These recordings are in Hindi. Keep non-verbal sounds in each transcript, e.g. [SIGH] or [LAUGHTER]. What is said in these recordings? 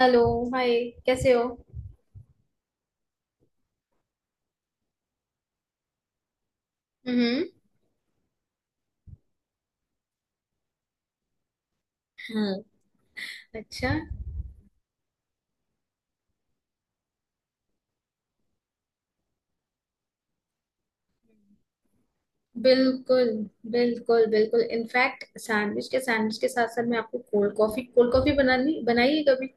हेलो। हाय। कैसे हो? हम्म। हम्म। अच्छा। बिल्कुल बिल्कुल बिल्कुल इनफैक्ट सैंडविच के साथ साथ मैं आपको कोल्ड कॉफी बनानी बनाइए कभी।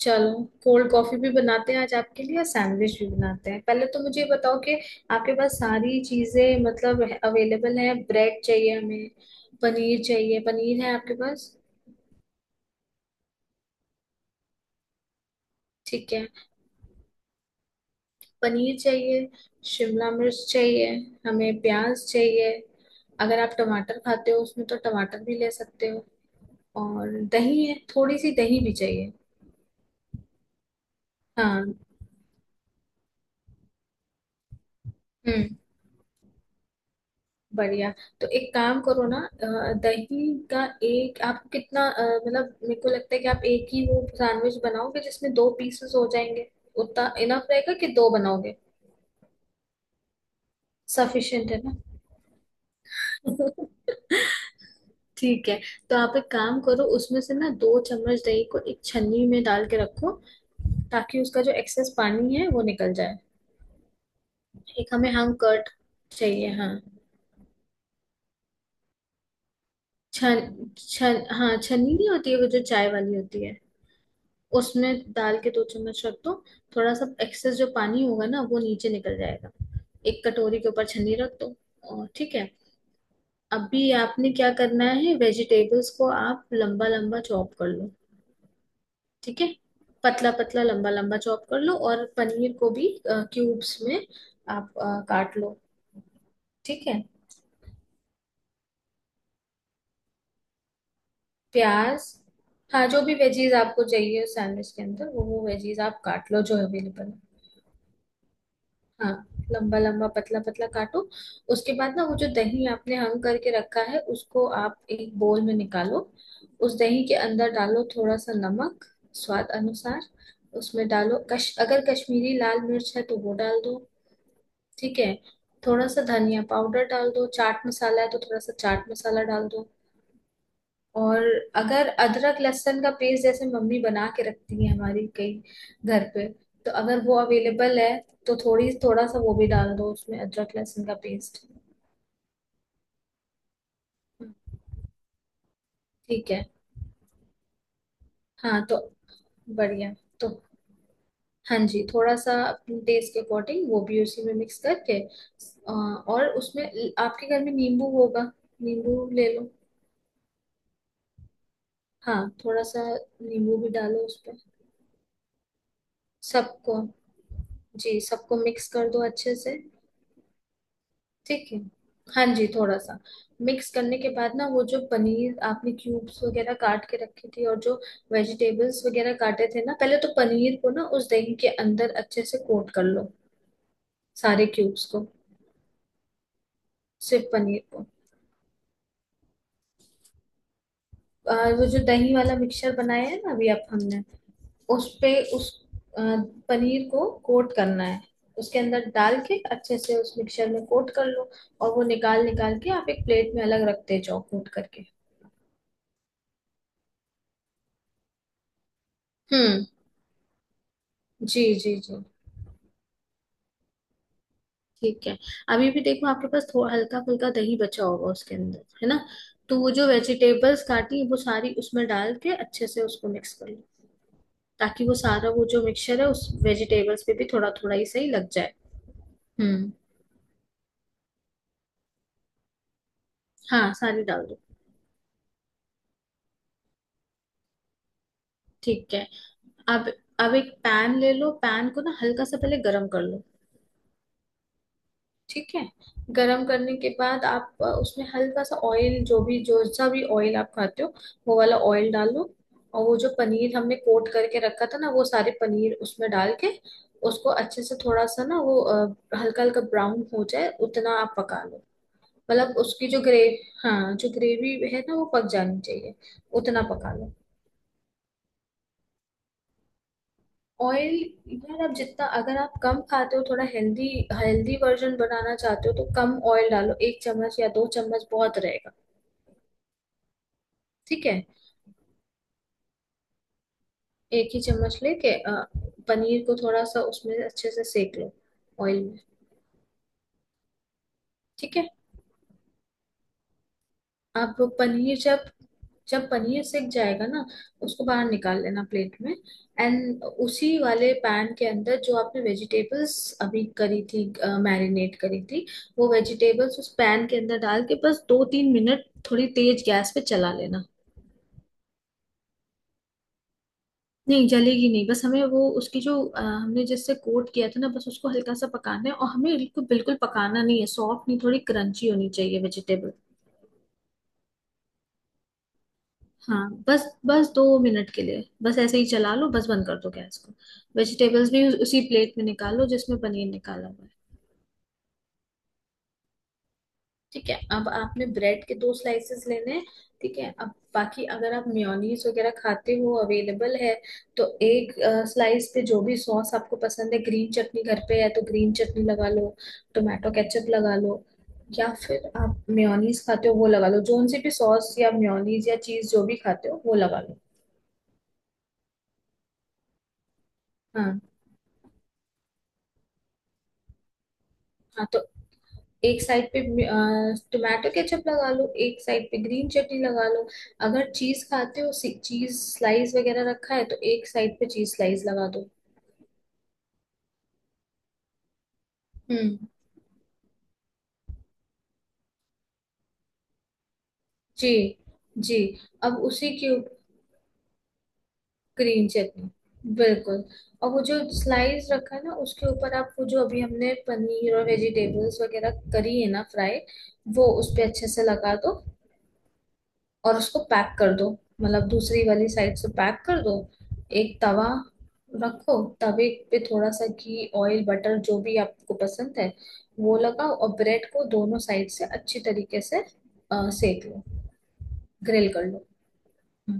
चलो, कोल्ड कॉफी भी बनाते हैं आज आपके लिए, और सैंडविच भी बनाते हैं। पहले तो मुझे ये बताओ कि आपके पास सारी चीजें मतलब अवेलेबल है। ब्रेड चाहिए हमें, पनीर चाहिए। पनीर है आपके पास? ठीक है। पनीर चाहिए, शिमला मिर्च चाहिए, हमें प्याज चाहिए। अगर आप टमाटर खाते हो उसमें तो टमाटर भी ले सकते हो। और दही है? थोड़ी सी दही भी चाहिए। हाँ। हम्म। बढ़िया। तो एक काम करो ना, दही का एक आपको कितना, मतलब मेरे को लगता है कि आप एक ही वो सैंडविच बनाओगे जिसमें दो पीसेस हो जाएंगे। उतना इनफ रहेगा कि दो बनाओगे? सफिशिएंट है ना। [LAUGHS] ठीक है। तो आप एक काम करो, उसमें से ना दो चम्मच दही को एक छन्नी में डाल के रखो, ताकि उसका जो एक्सेस पानी है वो निकल जाए। एक हमें हम कर्ड चाहिए, हाँ। छन, छन, हाँ, छन्नी। नहीं होती है वो जो चाय वाली होती है, उसमें डाल के दो चम्मच रख दो। थोड़ा सा एक्सेस जो पानी होगा ना वो नीचे निकल जाएगा। एक कटोरी के ऊपर छन्नी रख दो, और ठीक है। अभी आपने क्या करना है, वेजिटेबल्स को आप लंबा लंबा चॉप कर लो। ठीक है। पतला पतला लंबा लंबा चॉप कर लो, और पनीर को भी क्यूब्स में आप काट लो। ठीक है। प्याज, हाँ। जो भी वेजीज आपको चाहिए सैंडविच के अंदर वो वेजीज आप काट लो जो अवेलेबल है। हाँ। लंबा लंबा पतला पतला काटो। उसके बाद ना वो जो दही आपने हंग करके रखा है उसको आप एक बोल में निकालो। उस दही के अंदर डालो थोड़ा सा नमक, स्वाद अनुसार। उसमें डालो, कश अगर कश्मीरी लाल मिर्च है तो वो डाल दो। ठीक है। थोड़ा सा धनिया पाउडर डाल दो, चाट मसाला है तो थोड़ा सा चाट मसाला डाल दो। और अगर अदरक लहसुन का पेस्ट जैसे मम्मी बना के रखती है हमारी, कई घर पे, तो अगर वो अवेलेबल है तो थोड़ी थोड़ा सा वो भी डाल दो उसमें, अदरक लहसुन का पेस्ट। ठीक है। हाँ। तो बढ़िया। तो हाँ जी, थोड़ा सा अपने टेस्ट के अकॉर्डिंग वो भी उसी में मिक्स करके, और उसमें आपके घर में नींबू होगा, नींबू ले लो। हाँ, थोड़ा सा नींबू भी डालो उस पे, सबको। जी, सबको मिक्स कर दो अच्छे से। ठीक है। हाँ जी, थोड़ा सा। मिक्स करने के बाद ना, वो जो पनीर आपने क्यूब्स वगैरह काट के रखी थी, और जो वेजिटेबल्स वगैरह काटे थे ना, पहले तो पनीर को ना उस दही के अंदर अच्छे से कोट कर लो, सारे क्यूब्स को। सिर्फ पनीर को। और वो जो दही वाला मिक्सचर बनाया है ना अभी आप हमने, उस अ, पनीर को कोट करना है। उसके अंदर डाल के अच्छे से उस मिक्सचर में कोट कर लो। और वो निकाल निकाल के आप एक प्लेट में अलग रखते जाओ, कोट करके। हम्म। जी जी जी। ठीक है। अभी भी देखो आपके पास थोड़ा हल्का फुल्का दही बचा होगा उसके अंदर है ना, तो वो जो वेजिटेबल्स काटी वो सारी उसमें डाल के अच्छे से उसको मिक्स कर लो, ताकि वो सारा वो जो मिक्सचर है उस वेजिटेबल्स पे भी थोड़ा थोड़ा ही सही लग जाए। हम्म। हाँ, सारी डाल दो। ठीक है। अब अब एक पैन ले लो, पैन को ना हल्का सा पहले गरम कर लो। ठीक है। गरम करने के बाद आप उसमें हल्का सा ऑयल, जो सा भी ऑयल आप खाते हो वो वाला ऑयल डालो। और वो जो पनीर हमने कोट करके रखा था ना, वो सारे पनीर उसमें डाल के उसको अच्छे से, थोड़ा सा ना वो हल्का हल्का ब्राउन हो जाए उतना आप पका लो। मतलब उसकी जो ग्रे हाँ, जो ग्रेवी है ना वो पक जानी चाहिए, उतना पका लो। ऑयल, यार आप जितना, अगर आप कम खाते हो, थोड़ा हेल्दी हेल्दी वर्जन बनाना चाहते हो तो कम ऑयल डालो, एक चम्मच या दो चम्मच बहुत रहेगा। ठीक है। एक ही चम्मच लेके, पनीर को थोड़ा सा उसमें अच्छे से सेक लो, ऑयल में। ठीक है। आप वो पनीर जब जब पनीर सिक जाएगा ना उसको बाहर निकाल लेना प्लेट में। एंड उसी वाले पैन के अंदर जो आपने वेजिटेबल्स अभी करी थी, मैरिनेट करी थी, वो वेजिटेबल्स उस पैन के अंदर डाल के बस दो तीन मिनट थोड़ी तेज गैस पे चला लेना। नहीं, जलेगी नहीं, बस हमें वो उसकी जो, हमने जिससे कोट किया था ना, बस उसको हल्का सा पकाना है, और हमें बिल्कुल बिल्कुल पकाना नहीं है, सॉफ्ट नहीं, थोड़ी क्रंची होनी चाहिए वेजिटेबल। हाँ, बस बस दो मिनट के लिए बस ऐसे ही चला लो, बस बंद कर दो गैस को। वेजिटेबल्स भी उसी प्लेट में निकालो जिसमें पनीर निकाला हुआ है। ठीक है। अब आपने ब्रेड के दो स्लाइसेस लेने हैं। ठीक है। अब बाकी, अगर आप मेयोनीज वगैरह खाते हो, अवेलेबल है, तो एक स्लाइस पे जो भी सॉस आपको पसंद है, ग्रीन चटनी घर पे है तो ग्रीन चटनी लगा लो, टोमेटो केचप लगा लो, या फिर आप मेयोनीज खाते हो वो लगा लो, जोन सी भी सॉस या मेयोनीज या चीज जो भी खाते हो वो लगा लो। हाँ हाँ। तो एक साइड पे टोमेटो केचप लगा लो, एक साइड पे ग्रीन चटनी लगा लो। अगर चीज खाते हो, चीज स्लाइस वगैरह रखा है, तो एक साइड पे चीज स्लाइस लगा दो। हम्म। जी। जी। अब उसी के ऊपर ग्रीन चटनी, बिल्कुल। और वो जो स्लाइस रखा है ना उसके ऊपर आप वो जो अभी हमने पनीर और वेजिटेबल्स वगैरह करी है ना फ्राई, वो उस पे अच्छे से लगा दो, और उसको पैक कर दो, मतलब दूसरी वाली साइड से पैक कर दो। एक तवा रखो, तवे पे थोड़ा सा घी, ऑयल, बटर, जो भी आपको पसंद है वो लगाओ, और ब्रेड को दोनों साइड से अच्छी तरीके से सेक लो, ग्रिल कर लो। [LAUGHS]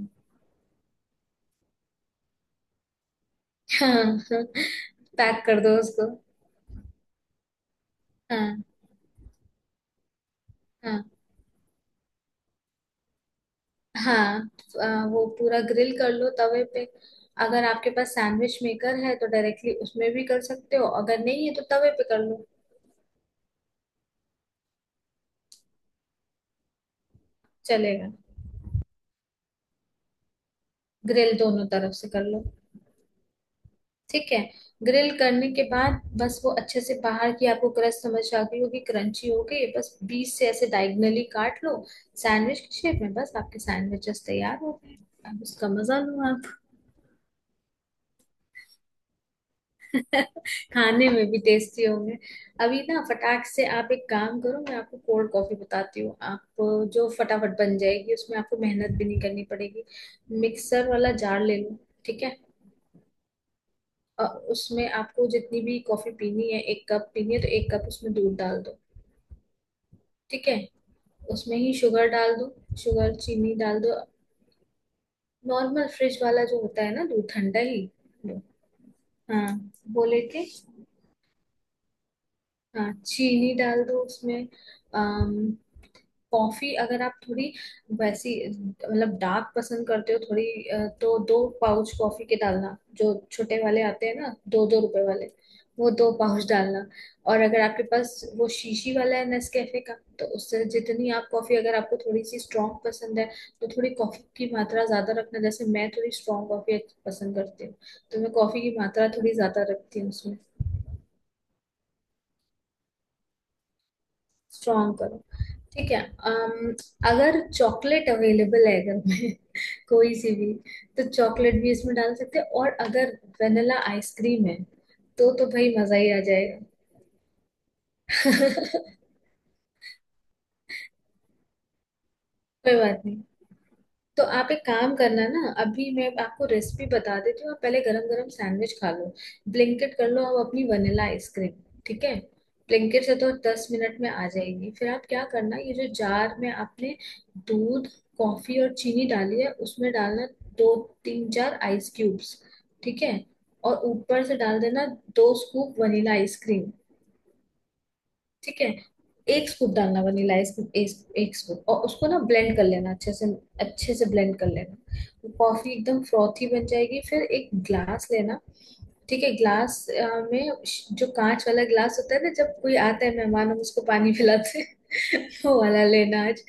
हाँ, पैक कर दो उसको। हाँ हाँ हाँ। वो पूरा ग्रिल कर लो तवे पे। अगर आपके पास सैंडविच मेकर है तो डायरेक्टली उसमें भी कर सकते हो, अगर नहीं है तो तवे पे कर लो, चलेगा। ग्रिल दोनों तरफ से कर लो। ठीक है। ग्रिल करने के बाद बस वो अच्छे से बाहर की आपको क्रस्ट समझ आ गई होगी, क्रंची हो गई, बस बीच से ऐसे डायगनली काट लो। सैंडविच की शेप में बस आपके सैंडविचेस तैयार हो गए। अब उसका मजा लो आप। [LAUGHS] खाने में भी टेस्टी होंगे। अभी ना फटाक से आप एक काम करो, मैं आपको कोल्ड कॉफी बताती हूँ, आप जो फटाफट बन जाएगी, उसमें आपको मेहनत भी नहीं करनी पड़ेगी। मिक्सर वाला जार ले लो। ठीक है। अ, उसमें आपको जितनी भी कॉफी पीनी है, एक कप पीनी है तो एक कप उसमें दूध डाल दो। ठीक है। उसमें ही शुगर डाल दो। शुगर, चीनी डाल दो। नॉर्मल फ्रिज वाला जो होता है ना, दूध ठंडा ही लो। हाँ, वो लेके। हाँ, चीनी डाल दो उसमें। अम, कॉफी, अगर आप थोड़ी वैसी मतलब डार्क पसंद करते हो थोड़ी, तो दो पाउच कॉफी के डालना, जो छोटे वाले आते हैं ना, दो दो रुपए वाले, वो दो पाउच डालना। और अगर आपके पास वो शीशी वाला है, नेस्कैफे का, तो उससे जितनी आप कॉफी, अगर आपको थोड़ी सी स्ट्रांग पसंद है, तो थोड़ी कॉफी की मात्रा ज्यादा रखना, जैसे मैं थोड़ी स्ट्रांग कॉफी पसंद करती हूँ, तो मैं कॉफी की मात्रा थोड़ी ज्यादा रखती हूँ उसमें। स्ट्रांग, ठीक है। अम, अगर चॉकलेट अवेलेबल है घर में [LAUGHS] कोई सी भी, तो चॉकलेट भी इसमें डाल सकते हैं, और अगर वेनिला आइसक्रीम है तो भाई मजा ही आ जाएगा। कोई बात नहीं। तो आप एक काम करना ना, अभी मैं आपको रेसिपी बता देती हूँ, आप पहले गरम गरम सैंडविच खा लो। ब्लिंकिट कर लो आप अपनी वनीला आइसक्रीम। ठीक है। ब्लिंकिट से तो 10 मिनट में आ जाएगी। फिर आप क्या करना, ये जो जार में आपने दूध, कॉफी और चीनी डाली है उसमें डालना दो तीन चार आइस क्यूब्स। ठीक है। और ऊपर से डाल देना दो स्कूप वनीला आइसक्रीम। ठीक है। एक स्कूप डालना वनीला, एक स्कूप, और उसको ना ब्लेंड कर लेना अच्छे से। अच्छे से ब्लेंड कर लेना, वो कॉफी एकदम फ्रॉथी बन जाएगी। फिर एक ग्लास लेना। ठीक है। ग्लास में जो कांच वाला ग्लास होता है ना, जब कोई आता है मेहमान हम उसको पानी पिलाते हैं, [LAUGHS] वो वाला लेना आज।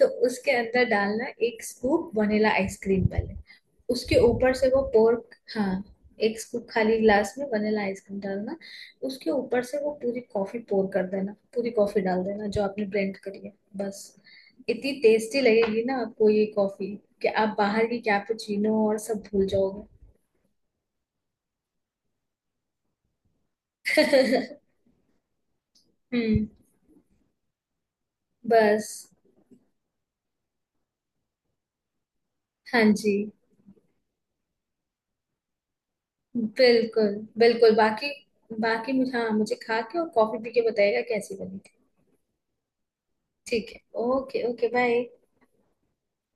तो उसके अंदर डालना एक स्कूप वनीला आइसक्रीम पहले, उसके ऊपर से वो पोर्क, हाँ। एक स्कूप खाली ग्लास में वनीला आइसक्रीम डालना, उसके ऊपर से वो पूरी कॉफी पोर कर देना, पूरी कॉफी डाल देना जो आपने ब्लेंड करी है, बस। इतनी टेस्टी लगेगी ना आपको ये कॉफी, कि आप बाहर की कैपुचिनो और सब भूल जाओगे। [LAUGHS] हम्म। बस। हाँ जी, बिल्कुल बिल्कुल। बाकी, बाकी मुझे, हाँ, मुझे खा के और कॉफी पी के बताइएगा कैसी बनी थी। ठीक है। Okay okay, bye.